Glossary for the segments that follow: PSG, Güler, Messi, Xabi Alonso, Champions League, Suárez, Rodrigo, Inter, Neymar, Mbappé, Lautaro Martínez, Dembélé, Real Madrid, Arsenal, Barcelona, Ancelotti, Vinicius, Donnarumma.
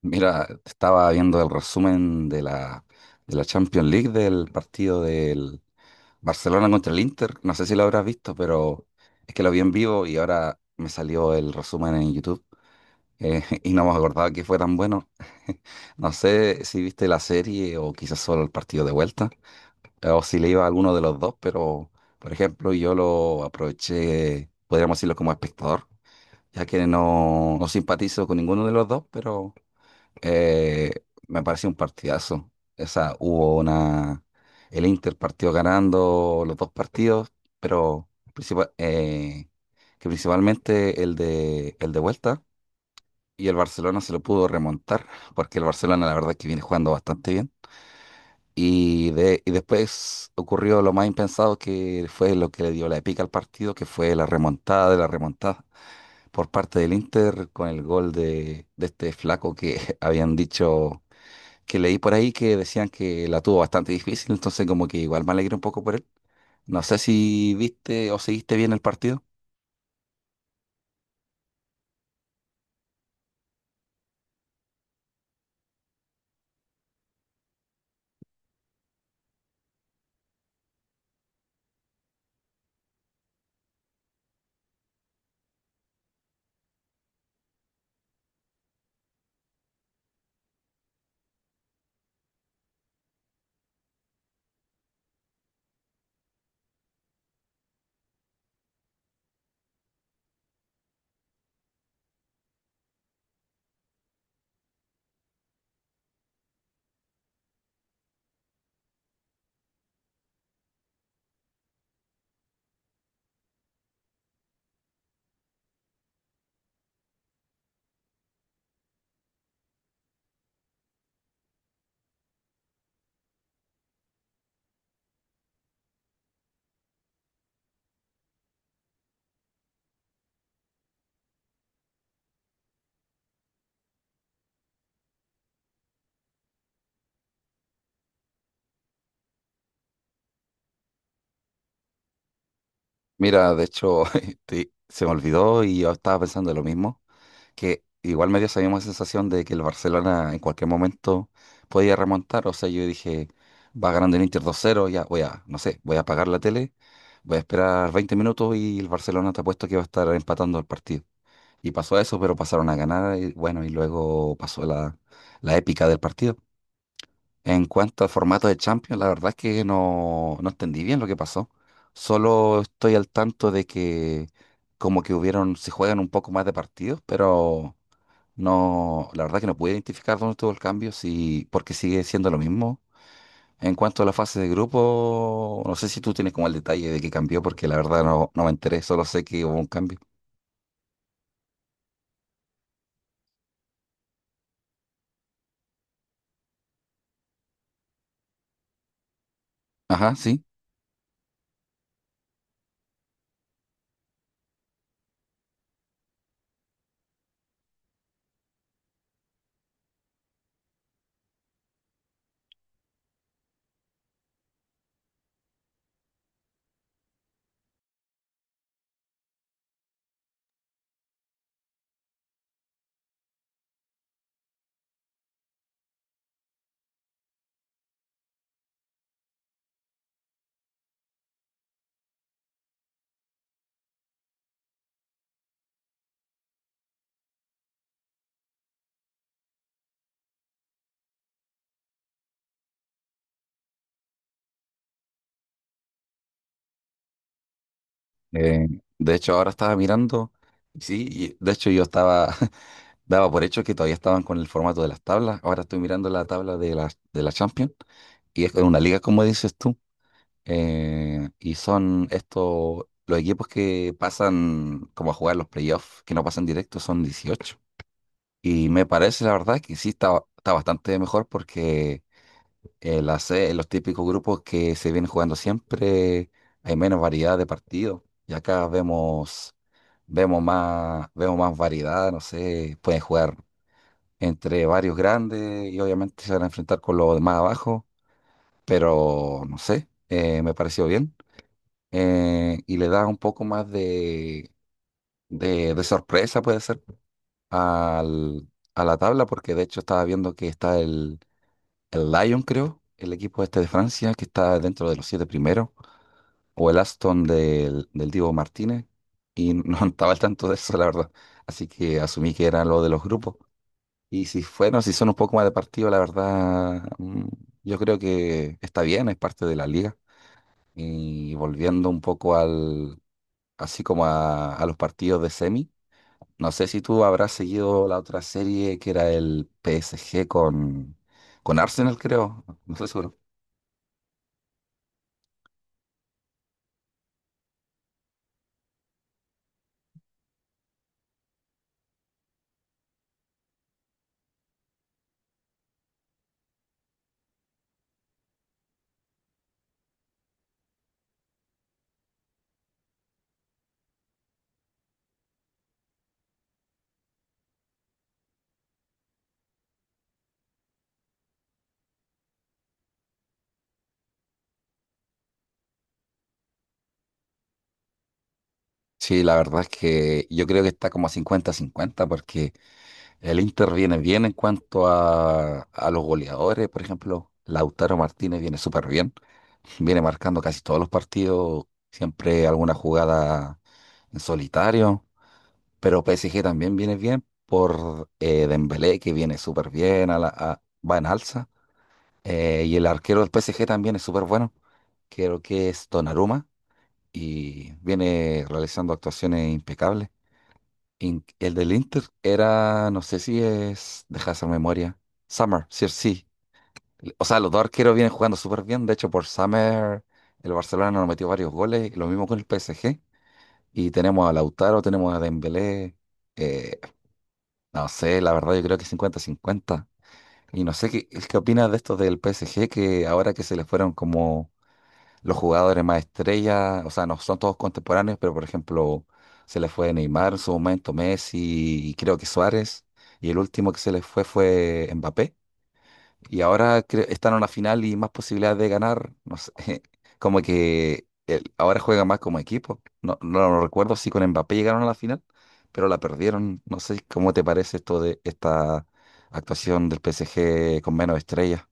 Mira, estaba viendo el resumen de la Champions League del partido del Barcelona contra el Inter. No sé si lo habrás visto, pero es que lo vi en vivo y ahora me salió el resumen en YouTube y no me acordaba que fue tan bueno. No sé si viste la serie o quizás solo el partido de vuelta o si le iba a alguno de los dos, pero, por ejemplo, yo lo aproveché, podríamos decirlo como espectador, ya que no, no simpatizo con ninguno de los dos, pero... Eh, me pareció un partidazo. Esa, hubo una. El Inter partió ganando los dos partidos, pero principal- eh, que principalmente el de vuelta. Y el Barcelona se lo pudo remontar, porque el Barcelona la verdad es que viene jugando bastante bien. Y después ocurrió lo más impensado que fue lo que le dio la pica al partido, que fue la remontada de la remontada por parte del Inter con el gol de este flaco que habían dicho, que leí por ahí que decían que la tuvo bastante difícil, entonces como que igual me alegré un poco por él. No sé si viste o seguiste bien el partido. Mira, de hecho, se me olvidó y yo estaba pensando lo mismo, que igual me dio esa misma sensación de que el Barcelona en cualquier momento podía remontar. O sea, yo dije, va ganando el Inter 2-0, ya voy a, no sé, voy a apagar la tele, voy a esperar 20 minutos y el Barcelona, te apuesto que va a estar empatando el partido. Y pasó eso, pero pasaron a ganar y bueno, y luego pasó la épica del partido. En cuanto al formato de Champions, la verdad es que no, no entendí bien lo que pasó. Solo estoy al tanto de que como que hubieron, se juegan un poco más de partidos, pero no, la verdad que no pude identificar dónde estuvo el cambio, sí, porque sigue siendo lo mismo. En cuanto a la fase de grupo, no sé si tú tienes como el detalle de qué cambió, porque la verdad no, no me enteré, solo sé que hubo un cambio. Ajá, sí. eh, de hecho, ahora estaba mirando, sí, y de hecho yo estaba, daba por hecho que todavía estaban con el formato de las tablas. Ahora estoy mirando la tabla de la Champions y es una liga, como dices tú. Y son estos, los equipos que pasan como a jugar los playoffs, que no pasan directo, son 18. Y me parece, la verdad, que sí está bastante mejor porque en la C, los típicos grupos que se vienen jugando siempre, hay menos variedad de partidos. Y acá vemos, vemos más variedad, no sé, pueden jugar entre varios grandes y obviamente se van a enfrentar con los de más abajo, pero no sé, me pareció bien y le da un poco más de, de sorpresa, puede ser, al, a la tabla, porque de hecho estaba viendo que está el Lyon, creo, el equipo este de Francia, que está dentro de los siete primeros, o el Aston del Divo Martínez, y no estaba al tanto de eso, la verdad. Así que asumí que era lo de los grupos. Y si fueron, si son un poco más de partido, la verdad, yo creo que está bien, es parte de la liga. Y volviendo un poco al así como a los partidos de semi. No sé si tú habrás seguido la otra serie que era el PSG con Arsenal, creo. No, no estoy seguro. Sí, la verdad es que yo creo que está como a 50-50 porque el Inter viene bien en cuanto a los goleadores. Por ejemplo, Lautaro Martínez viene súper bien. Viene marcando casi todos los partidos, siempre alguna jugada en solitario. Pero PSG también viene bien por Dembélé, que viene súper bien, va en alza. Y el arquero del PSG también es súper bueno. Creo que es Donnarumma y viene realizando actuaciones impecables. El del Inter era, no sé si es, deja de hacer memoria, Summer, sí, sí. O sea, los dos arqueros vienen jugando súper bien. De hecho, por Summer el Barcelona nos metió varios goles, lo mismo con el PSG. Y tenemos a Lautaro, tenemos a Dembélé. eh, No sé, la verdad yo creo que 50-50. Y no sé qué, opinas de estos del PSG, que ahora que se les fueron como los jugadores más estrellas, o sea, no son todos contemporáneos, pero, por ejemplo, se les fue Neymar en su momento, Messi y creo que Suárez, y el último que se les fue fue Mbappé. Y ahora están en una final y más posibilidades de ganar. No sé, como que ahora juegan más como equipo. No, no lo recuerdo si con Mbappé llegaron a la final, pero la perdieron. No sé cómo te parece esto de esta actuación del PSG con menos estrellas.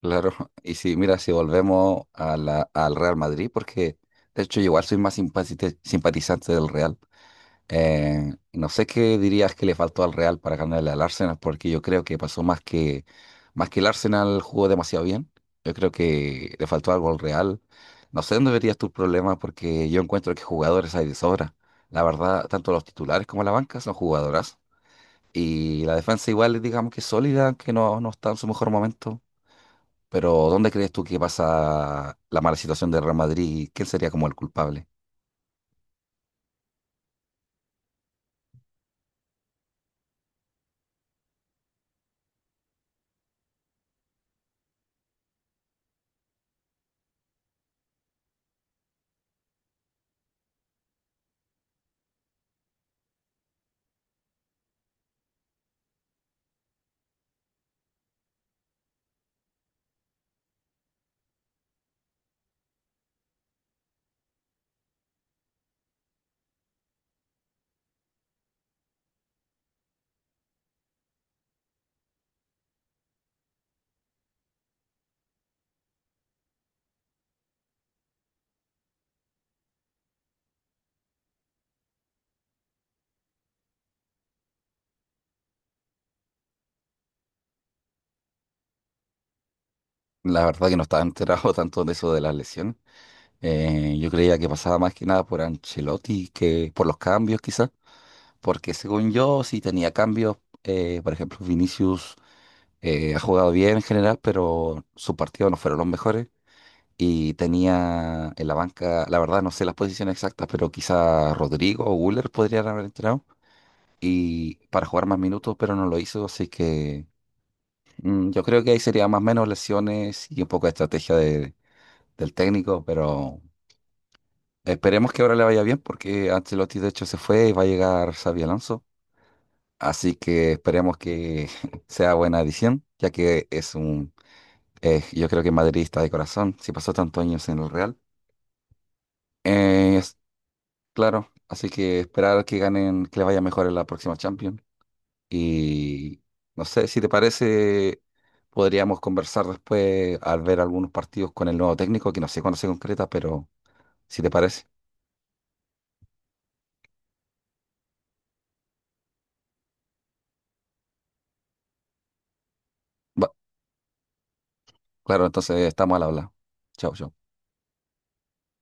Claro. Y si, mira, si volvemos al Real Madrid, porque de hecho yo igual soy más simpatizante del Real. No sé qué dirías que le faltó al Real para ganarle al Arsenal, porque yo creo que pasó más que el Arsenal jugó demasiado bien. Yo creo que le faltó algo al Real. No sé dónde verías tu problema, porque yo encuentro que jugadores hay de sobra. La verdad, tanto los titulares como la banca son jugadoras. Y la defensa igual, digamos que es sólida, aunque no, no está en su mejor momento. Pero ¿dónde crees tú que pasa la mala situación del Real Madrid? ¿Quién sería como el culpable? La verdad que no estaba enterado tanto de eso de las lesiones. Yo creía que pasaba más que nada por Ancelotti que por los cambios quizás, porque según yo sí tenía cambios, por ejemplo Vinicius ha jugado bien en general, pero sus partidos no fueron los mejores y tenía en la banca, la verdad no sé las posiciones exactas, pero quizá Rodrigo o Güler podrían haber entrado y para jugar más minutos, pero no lo hizo, así que yo creo que ahí sería más o menos lesiones y un poco de estrategia del técnico, pero esperemos que ahora le vaya bien porque Ancelotti de hecho se fue y va a llegar Xabi Alonso. Así que esperemos que sea buena adición, ya que es un, yo creo que madridista de corazón, si pasó tantos años en el Real. Eh, es- claro, así que esperar que ganen, que le vaya mejor en la próxima Champions. Y no sé, si te parece, podríamos conversar después al ver algunos partidos con el nuevo técnico, que no sé cuándo se concreta, pero si te parece. Va- claro, entonces estamos al habla. Chao, chao.